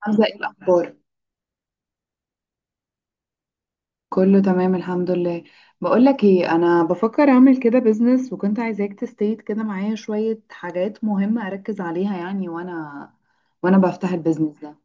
حمزة، ايه الأخبار؟ كله تمام الحمد لله. بقول لك ايه، انا بفكر اعمل كده بيزنس، وكنت عايزاك تستيت كده معايا شوية حاجات مهمة اركز عليها يعني، وانا بفتح البيزنس ده.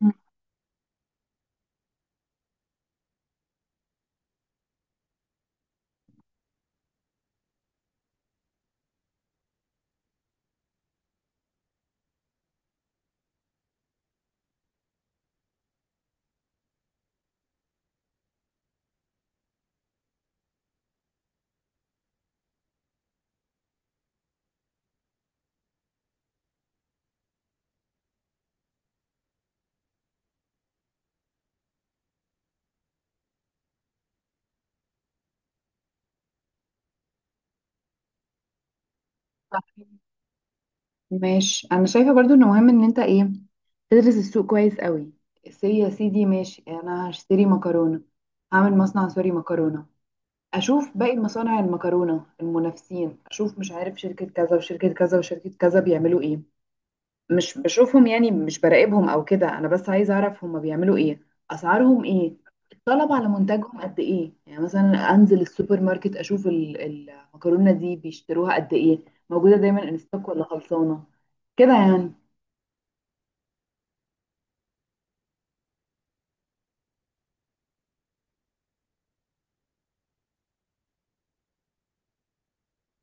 مم. ماشي، انا شايفة برضو انه مهم ان انت ايه، تدرس السوق كويس قوي. سي يا سيدي، ماشي، انا هشتري مكرونة، هعمل مصنع سوري مكرونة. اشوف باقي مصانع المكرونة المنافسين، اشوف مش عارف شركة كذا وشركة كذا وشركة كذا بيعملوا ايه. مش بشوفهم يعني، مش براقبهم او كده، انا بس عايزه اعرف هما بيعملوا ايه، اسعارهم ايه، الطلب على منتجهم قد ايه، يعني مثلا انزل السوبر ماركت اشوف المكرونه دي بيشتروها قد ايه، موجوده دايما ان ستوك ولا خلصانه، كده يعني.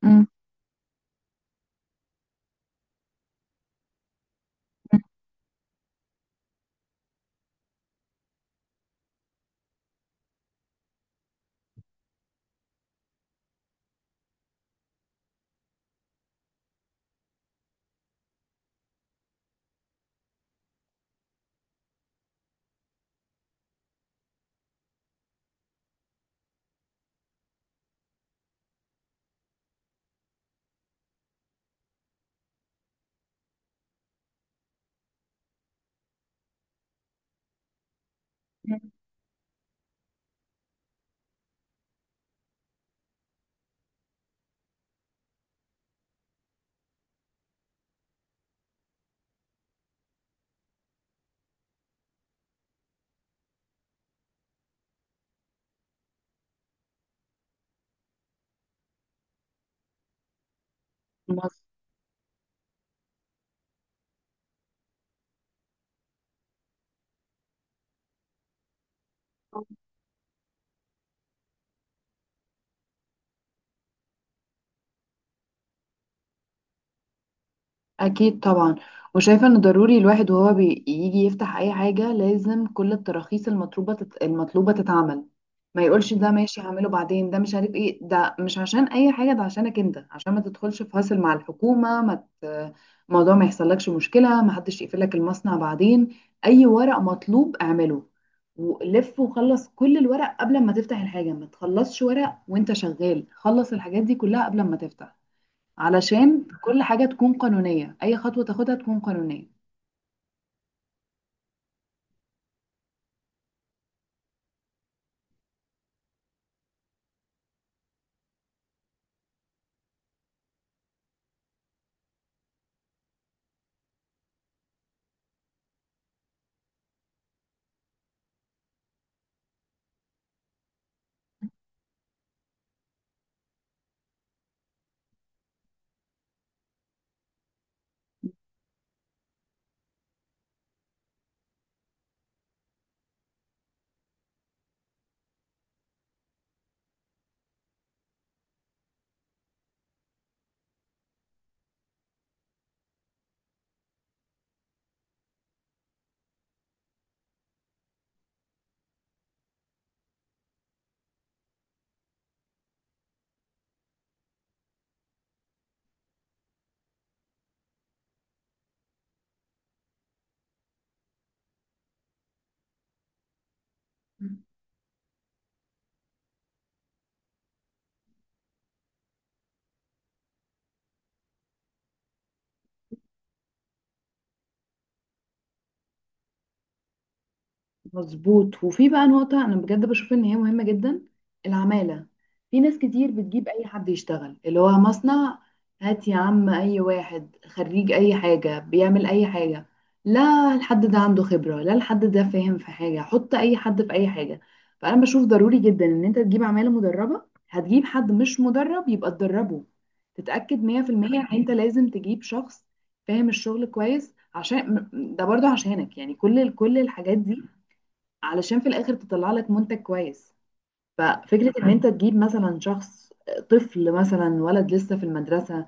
امم مظبوط. اكيد طبعا. وشايفه ان ضروري الواحد وهو بيجي يفتح اي حاجه لازم كل التراخيص المطلوبه تتعمل. ما يقولش ده ماشي هعمله بعدين، ده مش عارف ايه، ده مش عشان اي حاجه، ده عشانك انت، عشان ما تدخلش في هاسل مع الحكومه، ما ت... الموضوع ما يحصلكش مشكله، ما حدش يقفلك المصنع بعدين. اي ورق مطلوب اعمله ولف، وخلص كل الورق قبل ما تفتح الحاجه، ما تخلصش ورق وانت شغال، خلص الحاجات دي كلها قبل ما تفتح. علشان كل حاجة تكون قانونية، أي خطوة تاخدها تكون قانونية. مظبوط. وفي بقى نقطة أنا بجد بشوف إن هي مهمة جدا، العمالة. في ناس كتير بتجيب أي حد يشتغل اللي هو مصنع، هات يا عم أي واحد خريج أي حاجة بيعمل أي حاجة. لا، الحد ده عنده خبرة، لا، الحد ده فاهم في حاجة، حط أي حد في أي حاجة. فأنا بشوف ضروري جدا إن أنت تجيب عمالة مدربة، هتجيب حد مش مدرب يبقى تدربه، تتأكد 100% إن أنت لازم تجيب شخص فاهم الشغل كويس، عشان ده برضو عشانك يعني. كل الحاجات دي علشان في الاخر تطلع لك منتج كويس. ففكرة ان انت تجيب مثلا شخص طفل مثلا، ولد لسه في المدرسة،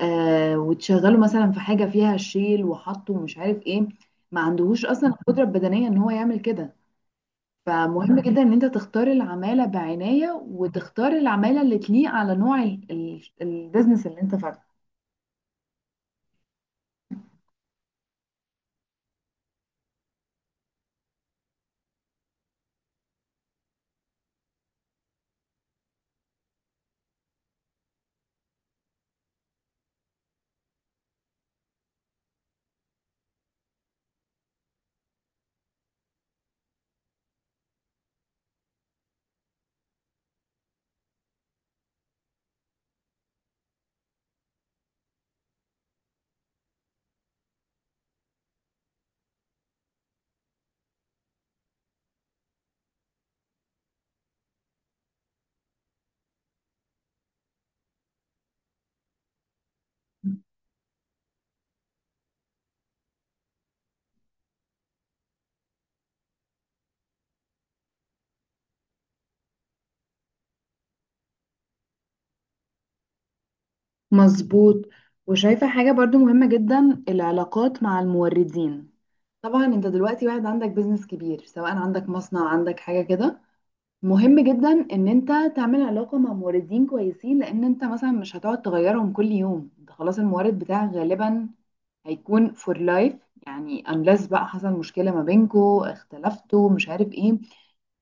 وتشغله مثلا في حاجة فيها شيل وحط ومش عارف ايه، ما عندهوش اصلا القدرة البدنية ان هو يعمل كده. فمهم جدا ان انت تختار العمالة بعناية، وتختار العمالة اللي تليق على نوع البيزنس اللي انت فاتحه. مظبوط. وشايفة حاجة برضو مهمة جدا، العلاقات مع الموردين. طبعا انت دلوقتي واحد عندك بيزنس كبير، سواء عندك مصنع، عندك حاجة كده، مهم جدا ان انت تعمل علاقة مع موردين كويسين، لان انت مثلا مش هتقعد تغيرهم كل يوم، انت خلاص المورد بتاعك غالبا هيكون فور لايف. يعني unless بقى حصل مشكلة ما بينكوا، اختلفتوا مش عارف ايه.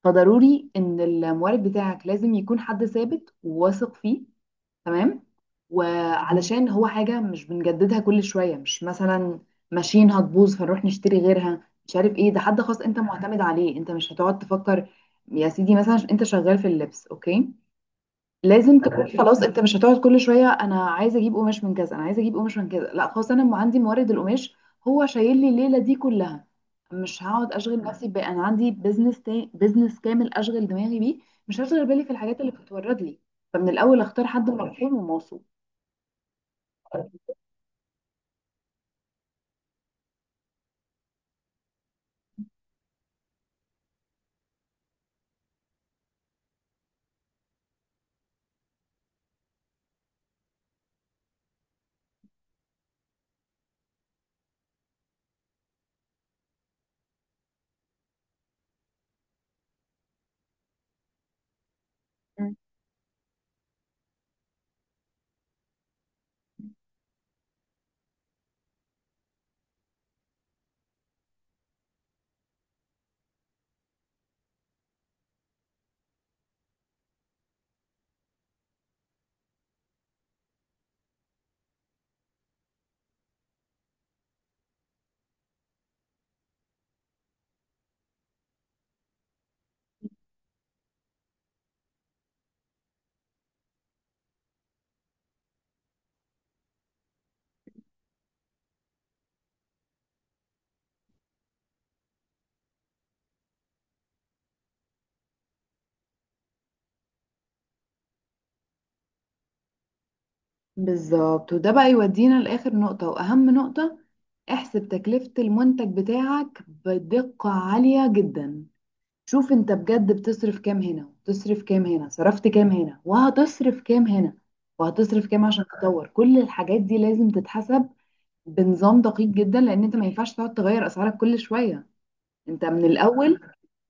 فضروري ان المورد بتاعك لازم يكون حد ثابت وواثق فيه، تمام. وعلشان هو حاجة مش بنجددها كل شوية، مش مثلا ماشيين هتبوظ فنروح نشتري غيرها مش عارف ايه، ده حد خاص انت معتمد عليه، انت مش هتقعد تفكر. يا سيدي، مثلا انت شغال في اللبس، اوكي، لازم انا تكون خلاص، انت مش هتقعد كل شويه انا عايزه اجيب قماش من كذا، انا عايزه اجيب قماش من كذا، لا خلاص، انا عندي مورد القماش، هو شايل لي الليله دي كلها. مش هقعد اشغل نفسي، بقى انا عندي بزنس تاني، بزنس كامل اشغل دماغي بيه، مش هشغل بالي في الحاجات اللي بتتورد لي. فمن الاول اختار حد مرحوم وموثوق. مم. بالظبط، وده بقى يودينا لاخر نقطه واهم نقطه، احسب تكلفه المنتج بتاعك بدقه عاليه جدا. شوف انت بجد بتصرف كام هنا وتصرف كام هنا، صرفت كام هنا وهتصرف كام هنا، وهتصرف كام عشان تطور، كل الحاجات دي لازم تتحسب بنظام دقيق جدا، لان انت ما ينفعش تقعد تغير اسعارك كل شوية. انت من الاول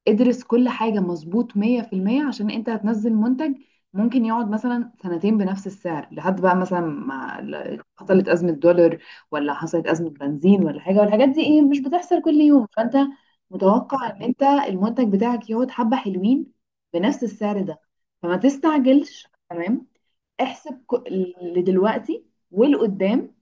ادرس كل حاجة مظبوط 100%، عشان انت هتنزل منتج ممكن يقعد مثلا سنتين بنفس السعر، لحد بقى مثلا ما حصلت أزمة دولار، ولا حصلت أزمة بنزين، ولا حاجة. والحاجات دي ايه، مش بتحصل كل يوم، فانت متوقع ان انت المنتج بتاعك يقعد حبة حلوين بنفس السعر ده. فما تستعجلش، تمام. احسب اللي دلوقتي والقدام،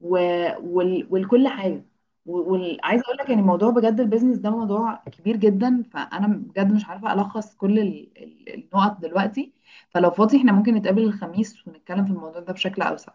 و... والكل حاجه، عايزه اقول لك يعني موضوع، بجد البيزنس ده موضوع كبير جدا، فانا بجد مش عارفه الخص كل النقط دلوقتي. فلو فاضي احنا ممكن نتقابل الخميس ونتكلم في الموضوع ده بشكل اوسع.